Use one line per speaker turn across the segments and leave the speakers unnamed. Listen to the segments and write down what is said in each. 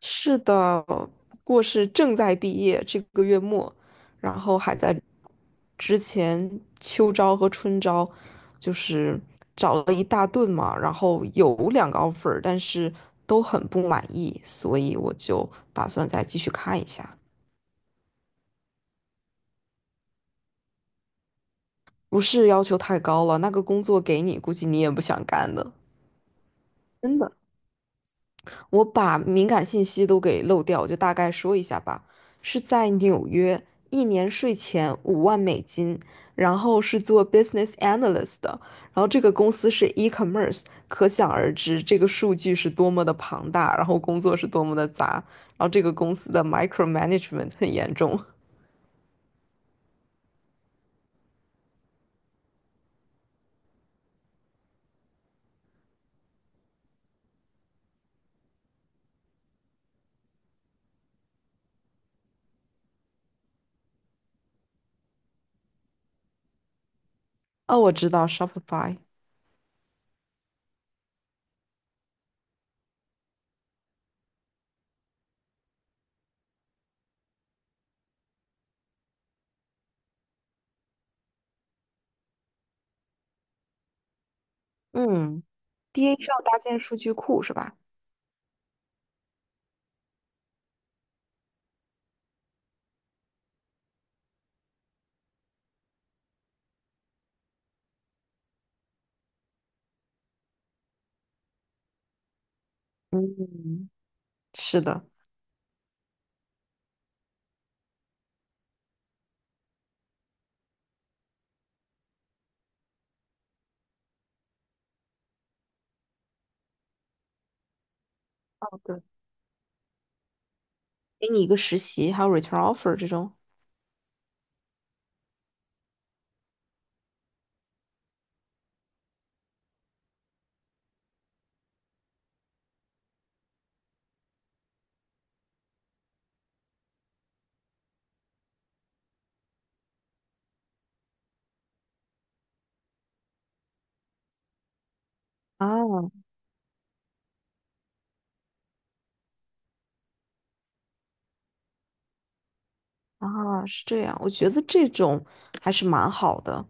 是的，不过是正在毕业，这个月末，然后还在之前秋招和春招，就是找了一大顿嘛，然后有两个 offer，但是都很不满意，所以我就打算再继续看一下。不是要求太高了，那个工作给你，估计你也不想干的，真的。我把敏感信息都给漏掉，我就大概说一下吧。是在纽约，一年税前5万美金，然后是做 business analyst 的，然后这个公司是 e-commerce，可想而知这个数据是多么的庞大，然后工作是多么的杂，然后这个公司的 micromanagement 很严重。哦，我知道 Shopify，嗯，DA 搭建数据库是吧？嗯，是的，哦，对。给你一个实习，还有 return offer 这种。啊，啊，是这样，我觉得这种还是蛮好的，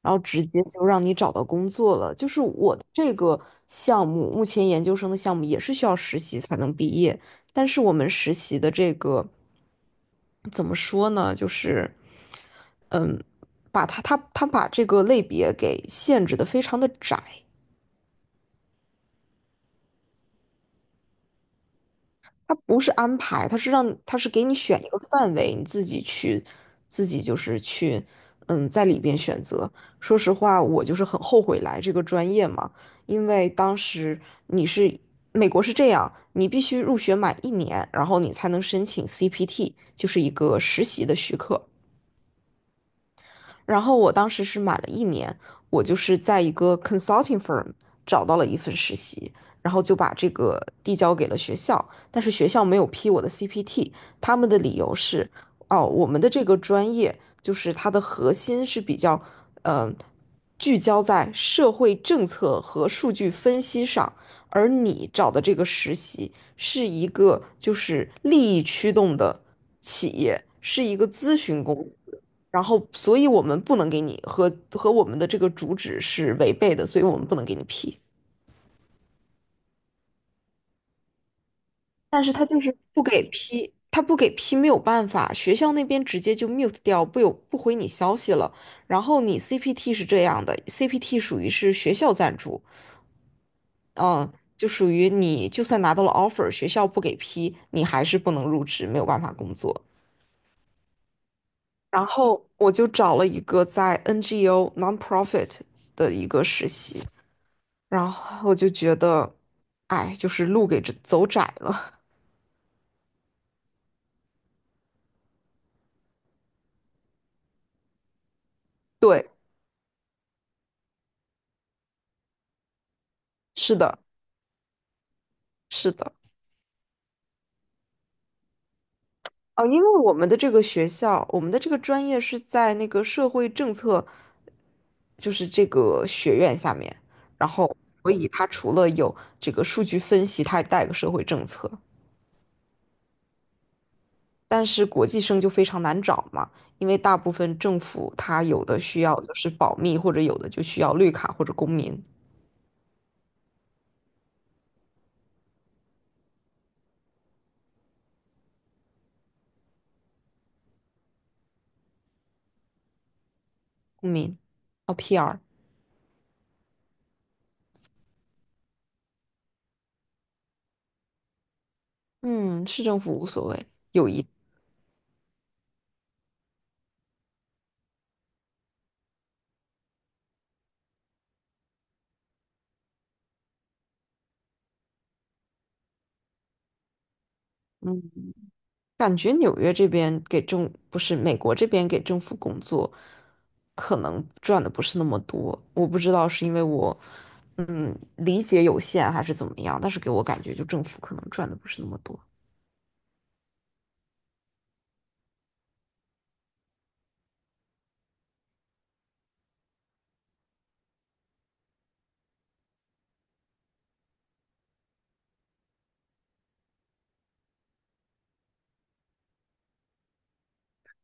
然后直接就让你找到工作了。就是我的这个项目，目前研究生的项目也是需要实习才能毕业，但是我们实习的这个怎么说呢？就是，嗯，把它它它把这个类别给限制的非常的窄。它不是安排，它是给你选一个范围，你自己去，自己就是去，嗯，在里边选择。说实话，我就是很后悔来这个专业嘛，因为当时你是美国是这样，你必须入学满一年，然后你才能申请 CPT，就是一个实习的许可。然后我当时是满了一年，我就是在一个 consulting firm 找到了一份实习，然后就把这个递交给了学校，但是学校没有批我的 CPT。他们的理由是，哦，我们的这个专业就是它的核心是比较，嗯、聚焦在社会政策和数据分析上，而你找的这个实习是一个就是利益驱动的企业，是一个咨询公司。然后所以我们不能给你，和我们的这个主旨是违背的，所以我们不能给你批。但是他就是不给批，他不给批没有办法，学校那边直接就 mute 掉，不回你消息了。然后你 CPT 是这样的，CPT 属于是学校赞助，嗯，就属于你就算拿到了 offer，学校不给批，你还是不能入职，没有办法工作。然后我就找了一个在 NGO nonprofit 的一个实习，然后我就觉得，哎，就是路给这走窄了。对，是的，是的。哦，因为我们的这个学校，我们的这个专业是在那个社会政策，就是这个学院下面，然后所以它除了有这个数据分析，它还带个社会政策。但是国际生就非常难找嘛，因为大部分政府它有的需要就是保密，或者有的就需要绿卡或者公民，哦 PR。嗯，市政府无所谓。有一嗯，感觉纽约这边不是美国这边给政府工作，可能赚的不是那么多，我不知道是因为我理解有限还是怎么样，但是给我感觉就政府可能赚的不是那么多。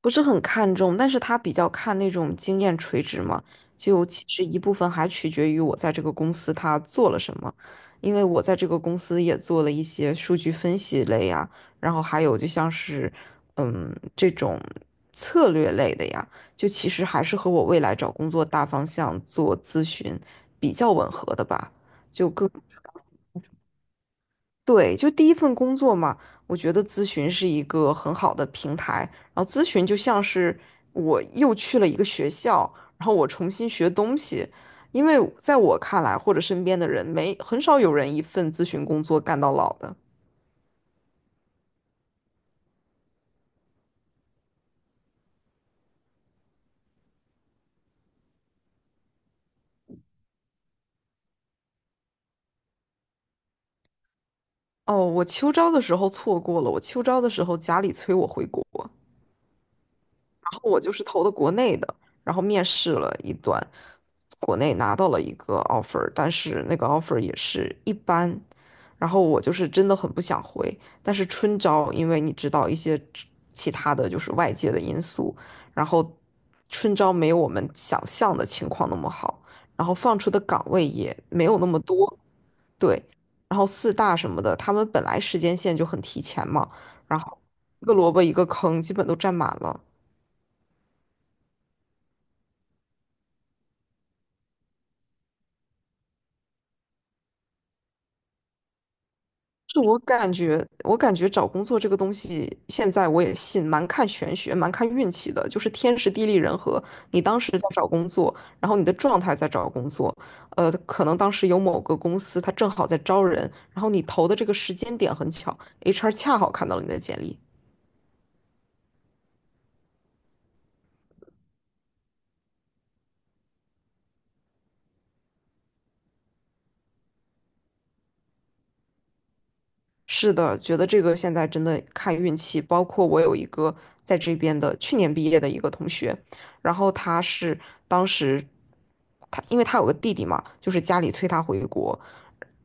不是很看重，但是他比较看那种经验垂直嘛，就其实一部分还取决于我在这个公司他做了什么，因为我在这个公司也做了一些数据分析类呀，然后还有就像是这种策略类的呀，就其实还是和我未来找工作大方向做咨询比较吻合的吧，就更。对，就第一份工作嘛，我觉得咨询是一个很好的平台。然后咨询就像是我又去了一个学校，然后我重新学东西。因为在我看来，或者身边的人，没很少有人一份咨询工作干到老的。哦，我秋招的时候错过了，我秋招的时候家里催我回国。然后我就是投的国内的，然后面试了一段，国内拿到了一个 offer，但是那个 offer 也是一般，然后我就是真的很不想回。但是春招，因为你知道一些其他的就是外界的因素，然后春招没有我们想象的情况那么好，然后放出的岗位也没有那么多，对，然后四大什么的，他们本来时间线就很提前嘛，然后一个萝卜一个坑，基本都占满了。是我感觉，我感觉找工作这个东西，现在我也信，蛮看玄学，蛮看运气的，就是天时地利人和。你当时在找工作，然后你的状态在找工作，可能当时有某个公司它正好在招人，然后你投的这个时间点很巧，HR 恰好看到了你的简历，是的，觉得这个现在真的看运气。包括我有一个在这边的去年毕业的一个同学，然后他是当时他因为他有个弟弟嘛，就是家里催他回国。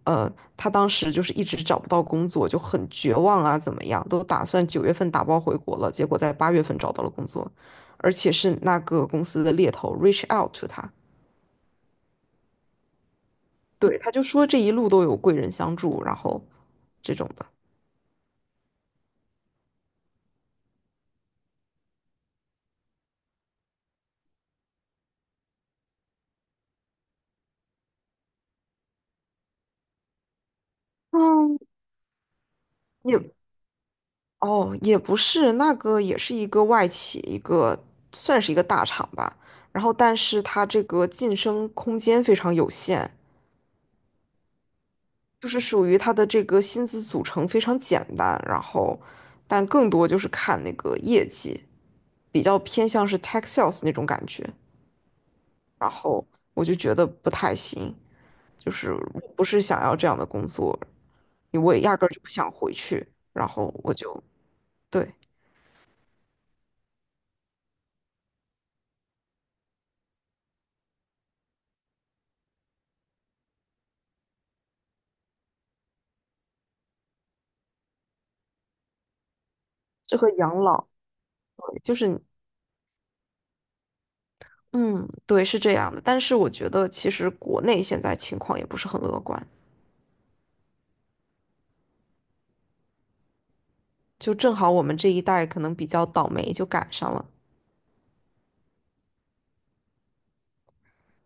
呃，他当时就是一直找不到工作，就很绝望啊，怎么样，都打算9月份打包回国了，结果在8月份找到了工作，而且是那个公司的猎头 reach out to 他。对，他就说这一路都有贵人相助，然后这种的。嗯，也。哦，也不是，那个也是一个外企，一个算是一个大厂吧。然后，但是它这个晋升空间非常有限，就是属于它的这个薪资组成非常简单，然后，但更多就是看那个业绩，比较偏向是 tech sales 那种感觉。然后我就觉得不太行，就是我不是想要这样的工作，我也压根儿就不想回去。然后我就，对，这和养老，对，就是嗯，对，是这样的。但是我觉得，其实国内现在情况也不是很乐观，就正好我们这一代可能比较倒霉，就赶上了。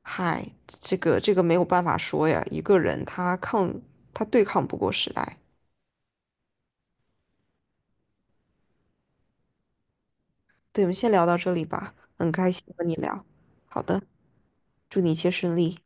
嗨，这个这个没有办法说呀，一个人他对抗不过时代。对，我们先聊到这里吧，很开心和你聊。好的，祝你一切顺利。